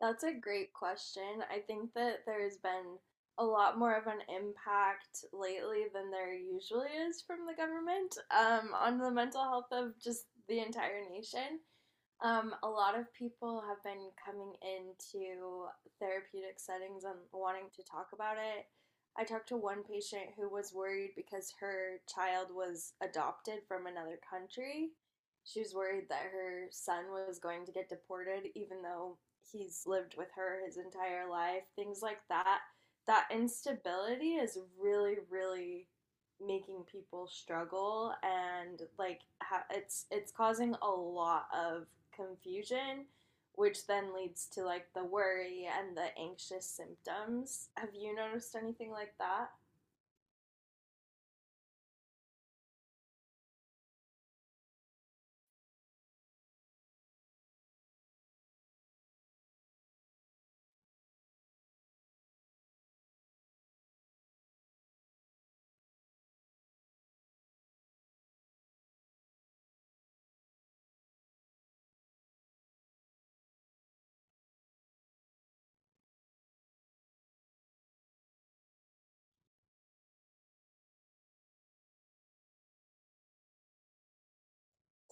That's a great question. I think that there's been a lot more of an impact lately than there usually is from the government on the mental health of just the entire nation. A lot of people have been coming into therapeutic settings and wanting to talk about it. I talked to one patient who was worried because her child was adopted from another country. She was worried that her son was going to get deported, even though he's lived with her his entire life, things like that. That instability is really, really making people struggle, and like it's causing a lot of confusion, which then leads to like the worry and the anxious symptoms. Have you noticed anything like that?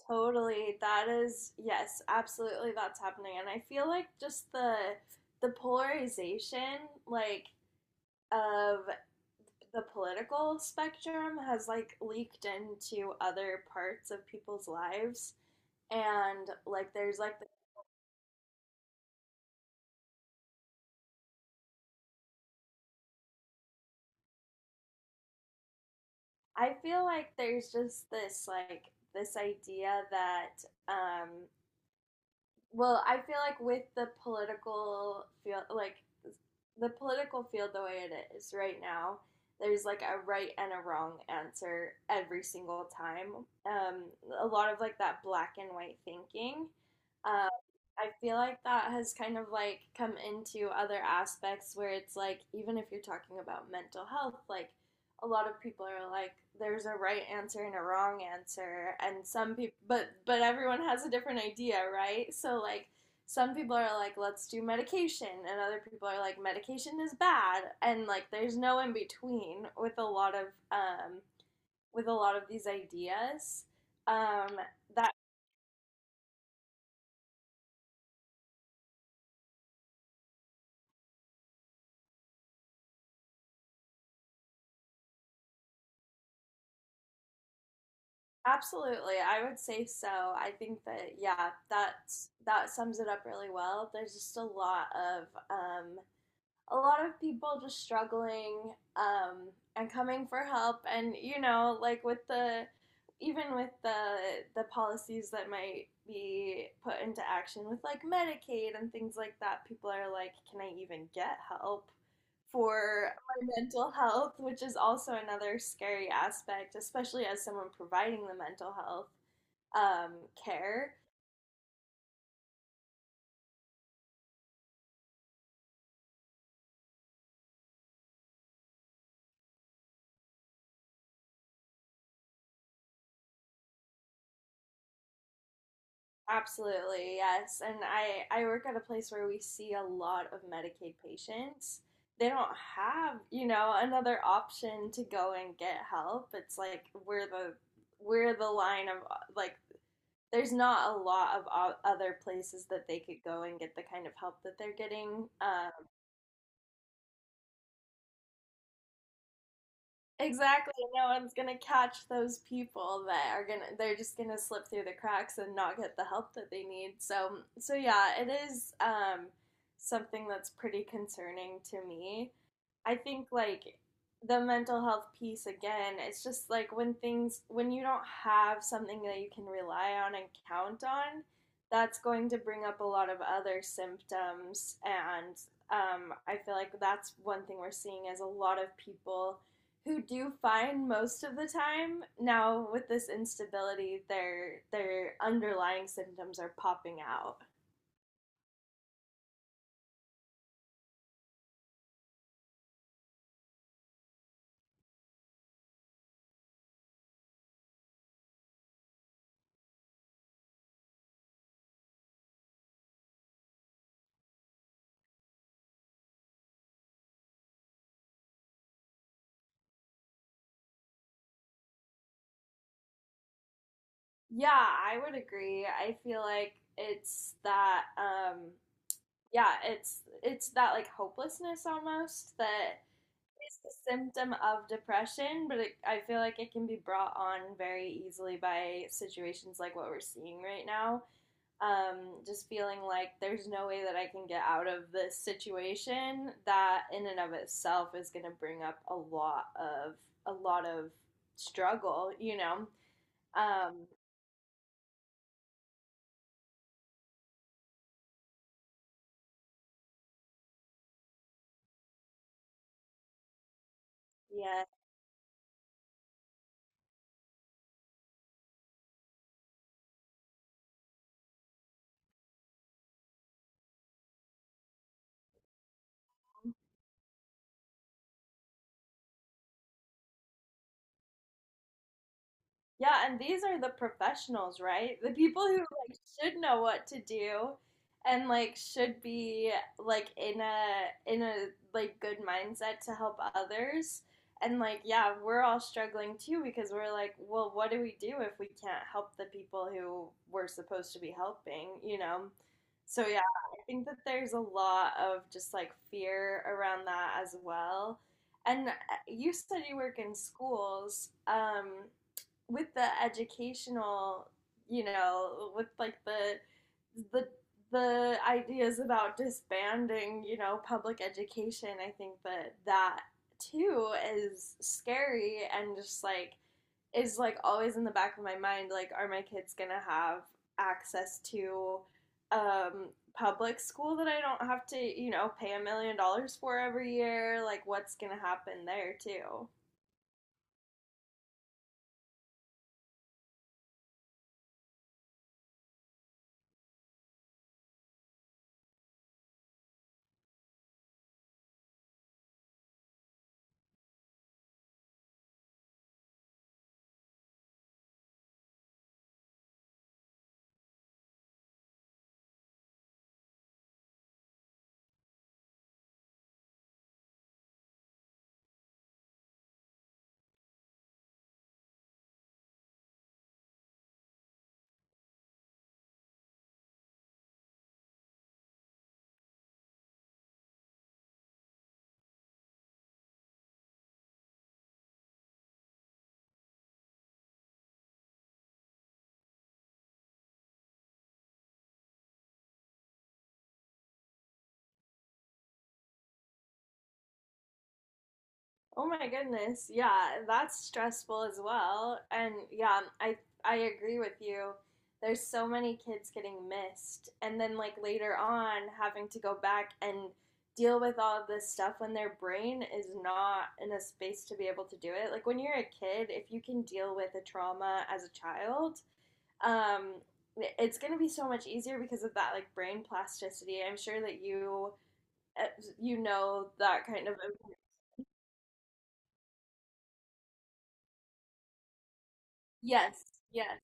Totally, that is, yes, absolutely, that's happening. And I feel like just the polarization, like, of the political spectrum has like leaked into other parts of people's lives. And like there's like I feel like there's just this like this idea that um well, I feel like with the political field, like the political field the way it is right now, there's like a right and a wrong answer every single time. A lot of like that black and white thinking. Um, I feel like that has kind of like come into other aspects where it's like, even if you're talking about mental health, like a lot of people are like there's a right answer and a wrong answer. And some people, but everyone has a different idea, right? So like some people are like let's do medication, and other people are like medication is bad, and like there's no in between with a lot of um with a lot of these ideas. um that absolutely, I would say so. I think that, yeah, that's, that sums it up really well. There's just a lot of people just struggling, and coming for help. And you know, like with the, even with the policies that might be put into action with like Medicaid and things like that, people are like can I even get help for my mental health, which is also another scary aspect, especially as someone providing the mental health um, care. Absolutely, yes. And I work at a place where we see a lot of Medicaid patients. They don't have, you know, another option to go and get help. It's like we're the line of like there's not a lot of other places that they could go and get the kind of help that they're getting. Exactly. No one's gonna catch those people that are gonna, they're just gonna slip through the cracks and not get the help that they need. So yeah, it is something that's pretty concerning to me. I think like the mental health piece again, it's just like when things, when you don't have something that you can rely on and count on, that's going to bring up a lot of other symptoms. And I feel like that's one thing we're seeing is a lot of people who do fine most of the time. Now with this instability, their underlying symptoms are popping out. Yeah, I would agree. I feel like it's that, yeah, it's that like hopelessness almost that is the symptom of depression. But it, I feel like it can be brought on very easily by situations like what we're seeing right now. Just feeling like there's no way that I can get out of this situation. That in and of itself is going to bring up a lot of struggle, you know. Um, yeah, Yeah, and these are the professionals, right? The people who like should know what to do and like should be like in a like good mindset to help others. And like yeah, we're all struggling too, because we're like, well, what do we do if we can't help the people who we're supposed to be helping, you know? So yeah, I think that there's a lot of just like fear around that as well. And you said you work in schools. With the educational, you know, with like the the ideas about disbanding, you know, public education, I think that that too is scary. And just like is like always in the back of my mind like are my kids going to have access to um public school that I don't have to, you know, pay $1,000,000 for every year? Like what's going to happen there too? Oh my goodness. Yeah, that's stressful as well. And yeah, I agree with you. There's so many kids getting missed, and then like later on having to go back and deal with all of this stuff when their brain is not in a space to be able to do it. Like when you're a kid, if you can deal with a trauma as a child, um it's going to be so much easier because of that like brain plasticity. I'm sure that you uh, you know that kind of. Yes, yes.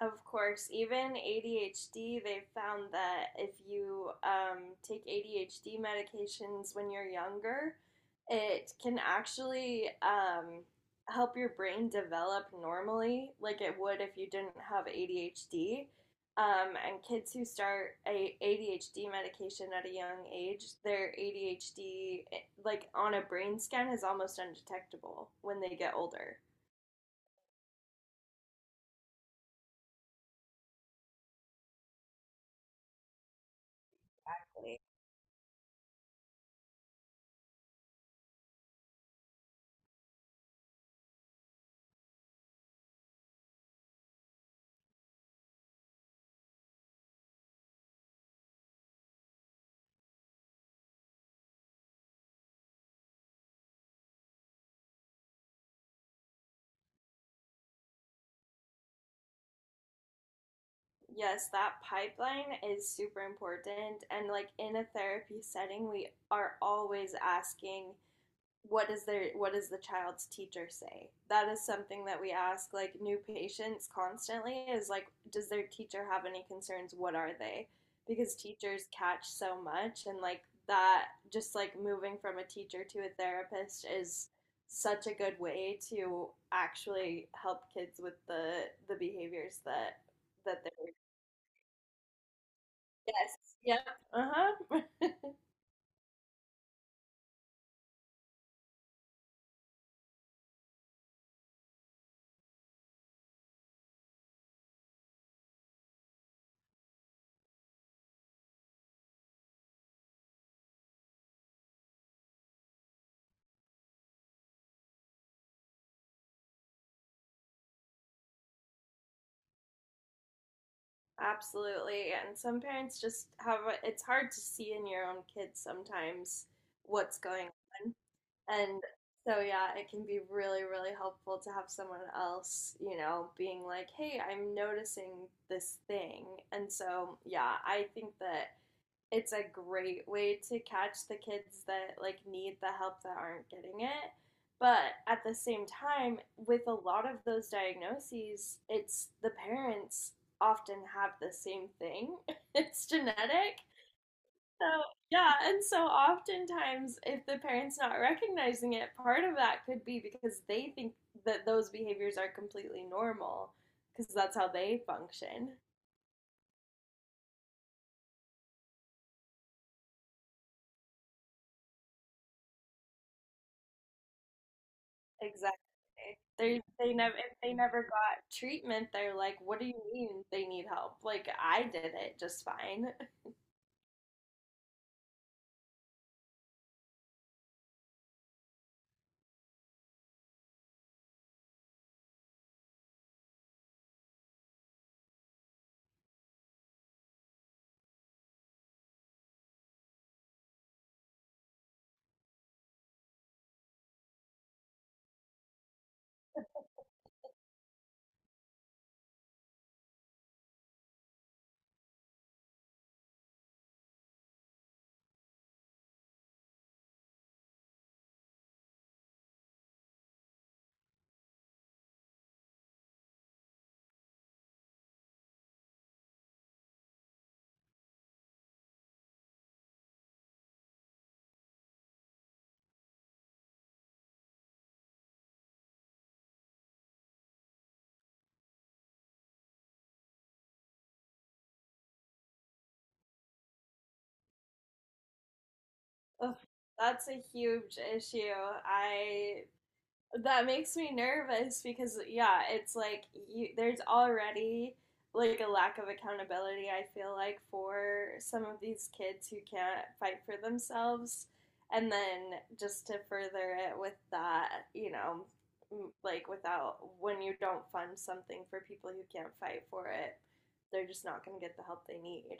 Of course, even ADHD, they found that if you take ADHD medications when you're younger, it can actually help your brain develop normally, like it would if you didn't have ADHD. And kids who start a ADHD medication at a young age, their ADHD, like on a brain scan, is almost undetectable when they get older. Yes, that pipeline is super important. And like in a therapy setting, we are always asking what is their, what does the child's teacher say? That is something that we ask like new patients constantly, is like does their teacher have any concerns? What are they? Because teachers catch so much. And like that just like moving from a teacher to a therapist is such a good way to actually help kids with the behaviors that they're. Yes. Yep. Uh-huh. Absolutely. And some parents just have a, it's hard to see in your own kids sometimes what's going on. And so yeah, it can be really, really helpful to have someone else, you know, being like, "Hey, I'm noticing this thing." And so, yeah, I think that it's a great way to catch the kids that like need the help that aren't getting it. But at the same time, with a lot of those diagnoses, it's the parents often have the same thing. It's genetic. So, yeah, and so oftentimes, if the parent's not recognizing it, part of that could be because they think that those behaviors are completely normal because that's how they function. Exactly. They never, if they never got treatment, they're like, "What do you mean they need help? Like I did it just fine." Ugh, that's a huge issue. I, that makes me nervous, because yeah, it's like you, there's already like a lack of accountability, I feel like, for some of these kids who can't fight for themselves. And then just to further it with that, you know, like without, when you don't fund something for people who can't fight for it, they're just not going to get the help they need.